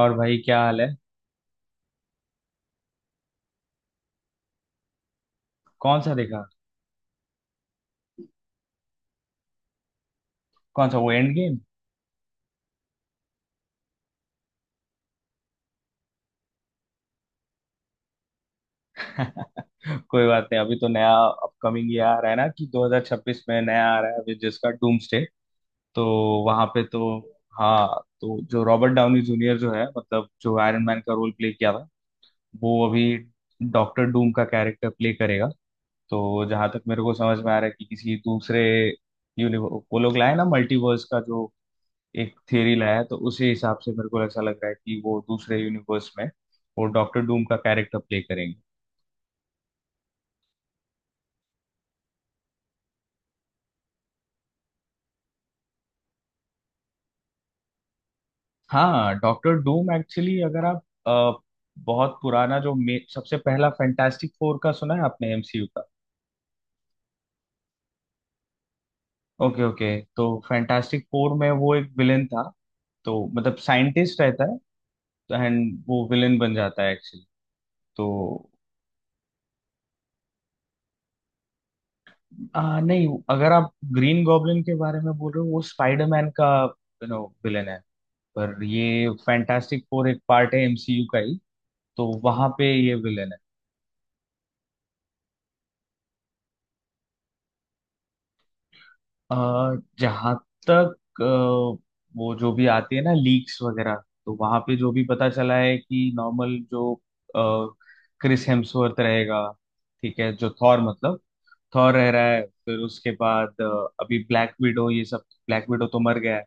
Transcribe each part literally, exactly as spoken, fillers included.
और भाई क्या हाल है। कौन सा देखा? कौन सा? वो एंड गेम? कोई बात नहीं। अभी तो नया अपकमिंग ये आ रहा है ना कि दो हज़ार छब्बीस में नया आ रहा है अभी जिसका डूम्सडे। तो वहां पे तो हाँ। तो जो रॉबर्ट डाउनी जूनियर जो है मतलब जो आयरन मैन का रोल प्ले किया था, वो अभी डॉक्टर डूम का कैरेक्टर प्ले करेगा। तो जहां तक मेरे को समझ में आ रहा है कि किसी दूसरे यूनिवर्स वो लोग लाए ना, मल्टीवर्स का जो एक थियरी लाया है, तो उसी हिसाब से मेरे को ऐसा लग रहा है कि वो दूसरे यूनिवर्स में वो डॉक्टर डूम का कैरेक्टर प्ले करेंगे। हाँ, डॉक्टर डूम एक्चुअली अगर आप अ, बहुत पुराना जो मे- सबसे पहला फैंटास्टिक फोर का सुना है आपने एमसीयू का? Okay, okay. तो फैंटास्टिक फोर में वो एक विलेन था। तो मतलब साइंटिस्ट रहता है एंड वो विलेन बन जाता है एक्चुअली। तो आ, नहीं, अगर आप ग्रीन गॉब्लिन के बारे में बोल रहे हो, वो स्पाइडरमैन का यू नो विलेन है। पर ये फैंटास्टिक फोर एक पार्ट है एमसीयू का ही। तो वहां पे ये विलेन है। आ, जहां तक अ, वो जो भी आती है ना लीक्स वगैरह, तो वहां पे जो भी पता चला है कि नॉर्मल जो अ, क्रिस हेम्सवर्थ रहेगा। ठीक है, जो थॉर मतलब थॉर रह रहा है, फिर उसके बाद अ, अभी ब्लैक विडो ये सब। ब्लैक विडो तो मर गया है।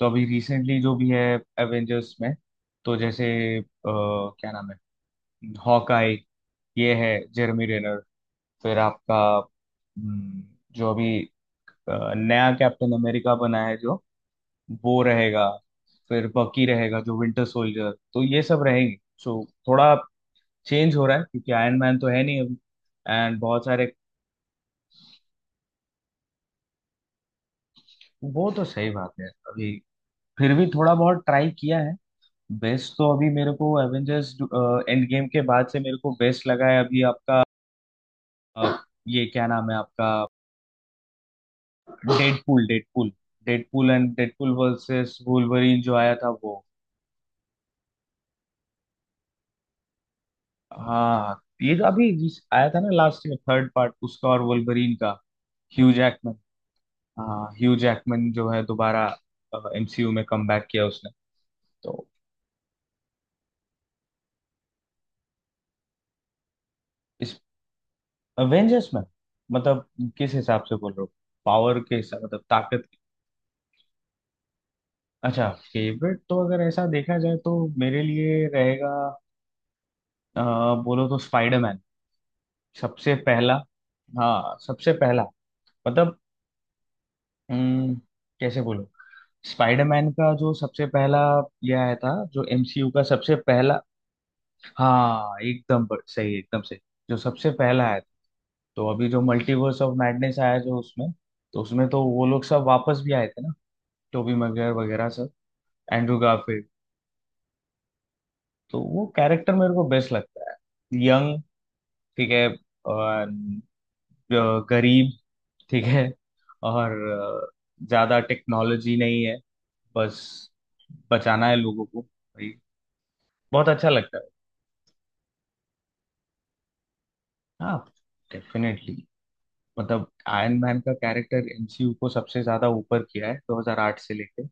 तो अभी रिसेंटली जो भी है एवेंजर्स में, तो जैसे अ, क्या नाम है, हॉकाई, ये है जेरमी रेनर। फिर आपका हम्म, जो अभी अ, नया कैप्टन अमेरिका बना है, जो वो रहेगा। फिर बकी रहेगा जो विंटर सोल्जर, तो ये सब रहेंगे। सो थोड़ा चेंज हो रहा है क्योंकि आयरन मैन तो है नहीं अभी एंड बहुत सारे। वो तो सही बात है। अभी फिर भी थोड़ा बहुत ट्राई किया है। बेस्ट तो अभी मेरे को एवेंजर्स एंड गेम के बाद से मेरे को बेस्ट लगा है अभी, आपका अ, ये क्या नाम है, आपका Deadpool, Deadpool, Deadpool and Deadpool versus Wolverine जो आया था वो। हाँ, ये जो अभी जिस आया था ना, लास्ट में थर्ड पार्ट उसका और वुल्वरीन का, ह्यू जैकमैन। हाँ, ह्यू जैकमैन जो है दोबारा एमसीयू में कमबैक किया उसने। तो इस अवेंजर्स में मतलब किस हिसाब से बोल रहे हो? पावर के हिसाब मतलब ताकत के- अच्छा, फेवरेट तो अगर ऐसा देखा जाए तो मेरे लिए रहेगा अ, बोलो तो स्पाइडरमैन, सबसे पहला। हाँ, सबसे पहला मतलब हम्म, कैसे बोलो, स्पाइडरमैन का जो सबसे पहला ये आया था, जो एमसीयू का सबसे पहला। हाँ, एकदम ब- सही, एकदम सही, जो सबसे पहला आया था। तो अभी जो मल्टीवर्स ऑफ मैडनेस आया जो उसमें, तो उसमें तो वो लोग सब वापस भी आए थे ना, टोबी मैguire वगैरह सब, एंड्रू गारफील्ड। तो वो कैरेक्टर मेरे को बेस्ट लगता है। यंग, ठीक है, और, अ, गरीब, ठीक है, और अ, ज्यादा टेक्नोलॉजी नहीं है, बस बचाना है लोगों को भाई। बहुत अच्छा लगता है। हाँ, डेफिनेटली। मतलब आयरन मैन का कैरेक्टर एमसीयू को सबसे ज्यादा ऊपर किया है दो हज़ार आठ से लेके।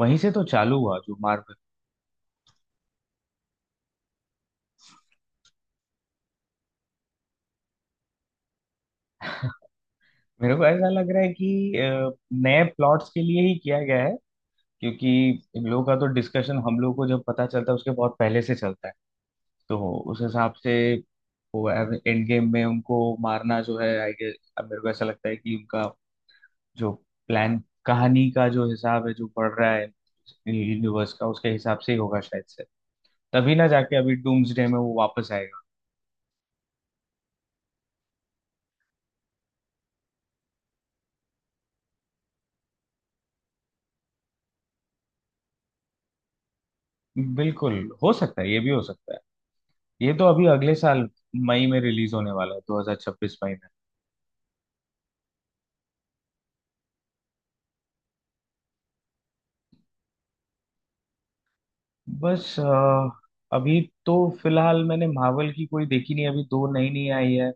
वहीं से तो चालू हुआ जो मार्वल। मेरे को ऐसा लग रहा है कि अ, नए प्लॉट्स के लिए ही किया गया है क्योंकि इन लोगों का तो डिस्कशन हम लोग को जब पता चलता है, उसके बहुत पहले से चलता है। तो उस हिसाब से वो एंड गेम में उनको मारना जो है, आई गेस, अब मेरे को ऐसा लगता है कि उनका जो प्लान, कहानी का जो हिसाब है जो बढ़ रहा है यूनिवर्स का, उसके हिसाब से ही होगा शायद से। तभी ना जाके अभी डूम्सडे में वो वापस आएगा। बिल्कुल, हो सकता है, ये भी हो सकता है। ये तो अभी अगले साल मई में रिलीज होने वाला है, दो हज़ार छब्बीस मई में। बस, अ, अभी तो फिलहाल मैंने मार्वल की कोई देखी नहीं। अभी दो नई नई आई है,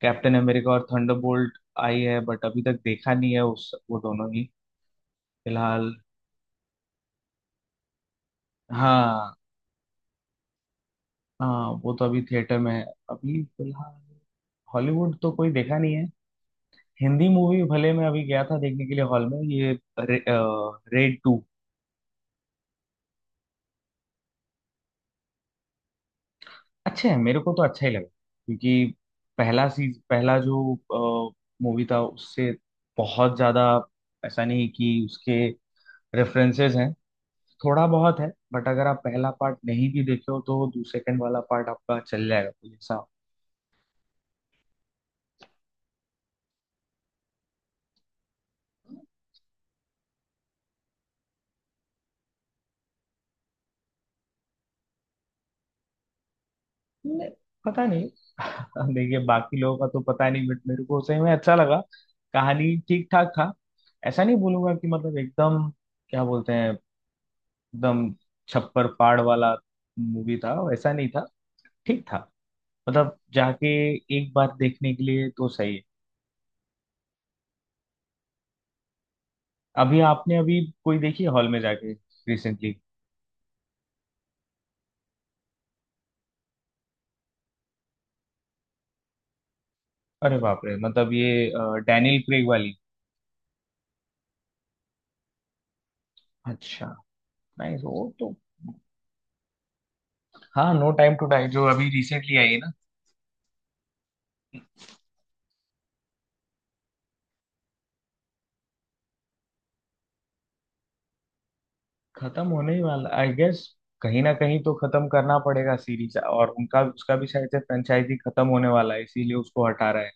कैप्टन अमेरिका और थंडरबोल्ट आई है, बट अभी तक देखा नहीं है उस वो दोनों ही फिलहाल। हाँ, हाँ, वो तो अभी थिएटर में है अभी फिलहाल। हॉलीवुड तो कोई देखा नहीं है। हिंदी मूवी भले मैं अभी गया था देखने के लिए हॉल में, ये रे, अ, रेड टू। अच्छा है, मेरे को तो अच्छा ही लगा क्योंकि पहला सीज पहला जो मूवी था उससे बहुत ज्यादा ऐसा नहीं कि उसके रेफरेंसेस हैं, थोड़ा बहुत है, बट अगर आप पहला पार्ट नहीं भी देखे हो तो सेकंड वाला पार्ट आपका चल जाएगा, तो ऐसा नहीं। पता नहीं। देखिए, बाकी लोगों का तो पता नहीं बट मेरे को सही में अच्छा लगा। कहानी ठीक ठाक था, ऐसा नहीं बोलूंगा कि मतलब एकदम क्या बोलते हैं, एकदम छप्पर पाड़ वाला मूवी था, वैसा नहीं था। ठीक था। मतलब जाके एक बार देखने के लिए तो सही है। अभी आपने अभी कोई देखी हॉल में जाके, रिसेंटली? अरे बाप रे, मतलब ये डैनियल क्रेग वाली? अच्छा, नाइस, वो तो। हाँ, नो टाइम टू डाई जो अभी रिसेंटली आई है ना। खत्म होने ही वाला, आई गेस। कहीं ना कहीं तो खत्म करना पड़ेगा सीरीज, और उनका उसका भी शायद से फ्रेंचाइजी खत्म होने वाला है, इसीलिए उसको हटा रहा है।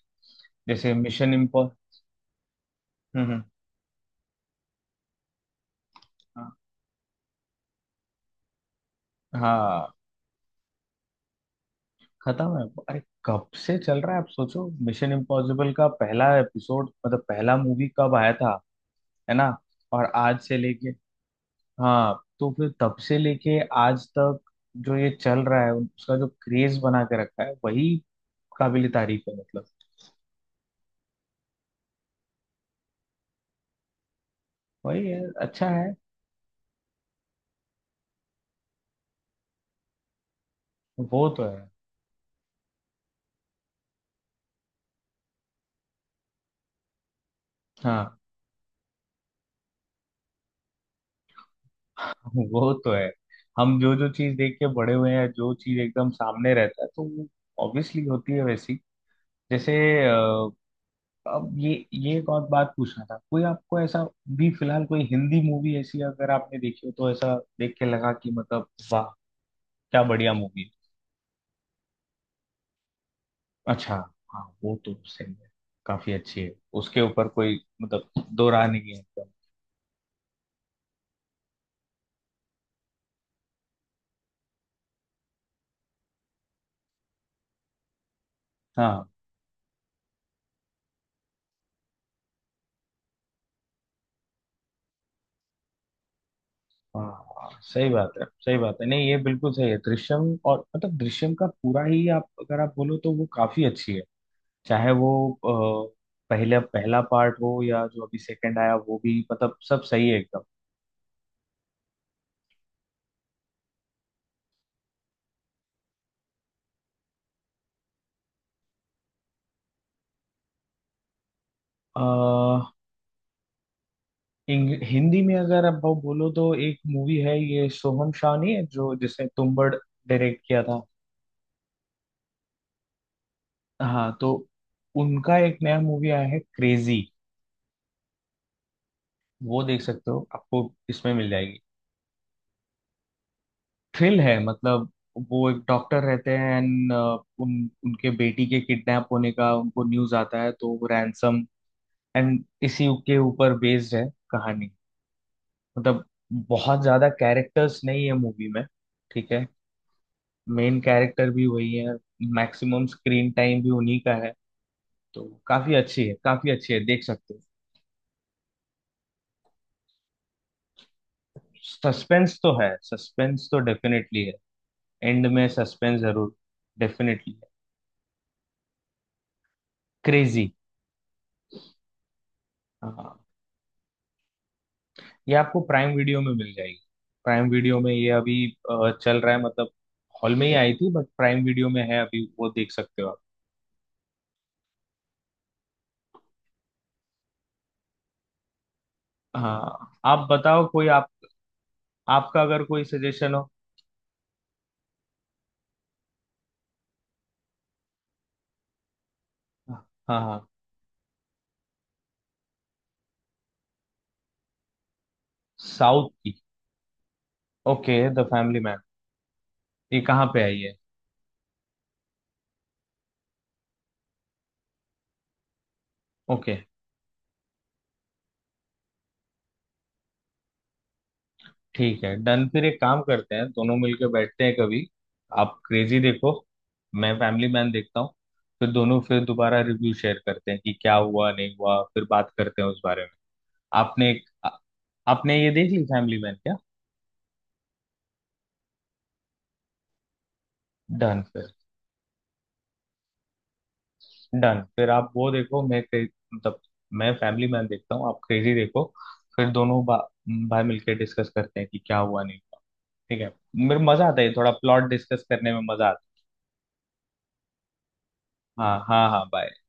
जैसे मिशन इम्पॉस, हम्म, हम्म, हाँ, हाँ, खत्म है। अरे कब से चल रहा है, आप सोचो, मिशन इम्पॉसिबल का पहला एपिसोड मतलब पहला मूवी कब आया था? है ना? और आज से लेके, हाँ, तो फिर तब से लेके आज तक जो ये चल रहा है, उसका जो क्रेज बना के रखा है, वही काबिल तारीफ है मतलब। वही है, अच्छा है। वो तो है। हाँ। वो तो है। हम जो जो चीज देख के बड़े हुए हैं, जो चीज एकदम सामने रहता है, तो वो ऑब्वियसली होती है वैसी। जैसे अ, अब ये ये एक और बात पूछना था। कोई आपको ऐसा भी फिलहाल कोई हिंदी मूवी ऐसी अगर आपने देखी हो तो ऐसा देख के लगा कि मतलब वाह, क्या बढ़िया मूवी! अच्छा, हाँ, वो तो सही है, काफी अच्छी है। उसके ऊपर कोई मतलब दो राह नहीं है एकदम। हाँ, हाँ, सही बात है, सही बात है, नहीं, ये बिल्कुल सही है, दृश्यम। और मतलब दृश्यम का पूरा ही, आप अगर आप बोलो तो वो काफी अच्छी है, चाहे वो अ, पहला पहला पार्ट हो या जो अभी सेकंड आया वो भी, मतलब सब सही है एकदम। अ, इंग- हिंदी में अगर आप बोलो तो एक मूवी है, ये सोहम शाह नहीं है जो जिसने तुम्बड़ डायरेक्ट किया था। हाँ, तो उनका एक नया मूवी आया है, क्रेजी। वो देख सकते हो, आपको इसमें मिल जाएगी। थ्रिल है मतलब। वो एक डॉक्टर रहते हैं एंड उन उनके बेटी के किडनैप होने का उनको न्यूज आता है, तो वो रैंसम, एंड इसी के ऊपर बेस्ड है कहानी। मतलब बहुत ज्यादा कैरेक्टर्स नहीं है मूवी में, ठीक है। मेन कैरेक्टर भी वही है, मैक्सिमम स्क्रीन टाइम भी उन्हीं का है। तो काफी अच्छी है, काफी अच्छी है, देख सकते हो। सस्पेंस तो है, सस्पेंस तो डेफिनेटली है। एंड में सस्पेंस जरूर डेफिनेटली है। क्रेजी। हाँ, ये आपको प्राइम वीडियो में मिल जाएगी। प्राइम वीडियो में ये अभी अ, चल रहा है, मतलब हॉल में ही आई थी बट प्राइम वीडियो में है अभी, वो देख सकते हो आप। हाँ, आप बताओ कोई, आप आपका अगर कोई सजेशन हो। हाँ, हाँ, साउथ की? Okay, The Family Man. ये कहाँ पे आई है? ओके, ठीक है, डन फिर। एक काम करते हैं, दोनों मिलकर बैठते हैं कभी। आप क्रेजी देखो, मैं फैमिली मैन देखता हूँ। फिर दोनों फिर दोबारा रिव्यू शेयर करते हैं कि क्या हुआ नहीं हुआ, फिर बात करते हैं उस बारे में। आपने आ- आपने ये देख ली फैमिली मैन क्या? डन फिर, डन फिर आप वो देखो, मैं क्रे- मतलब मैं फैमिली मैन देखता हूँ, आप क्रेजी देखो। फिर दोनों बा, भाई मिलकर डिस्कस करते हैं कि क्या हुआ नहीं हुआ, ठीक है। मेरे मजा आता है, थोड़ा प्लॉट डिस्कस करने में मजा आता है। हाँ, हाँ, हाँ, बाय।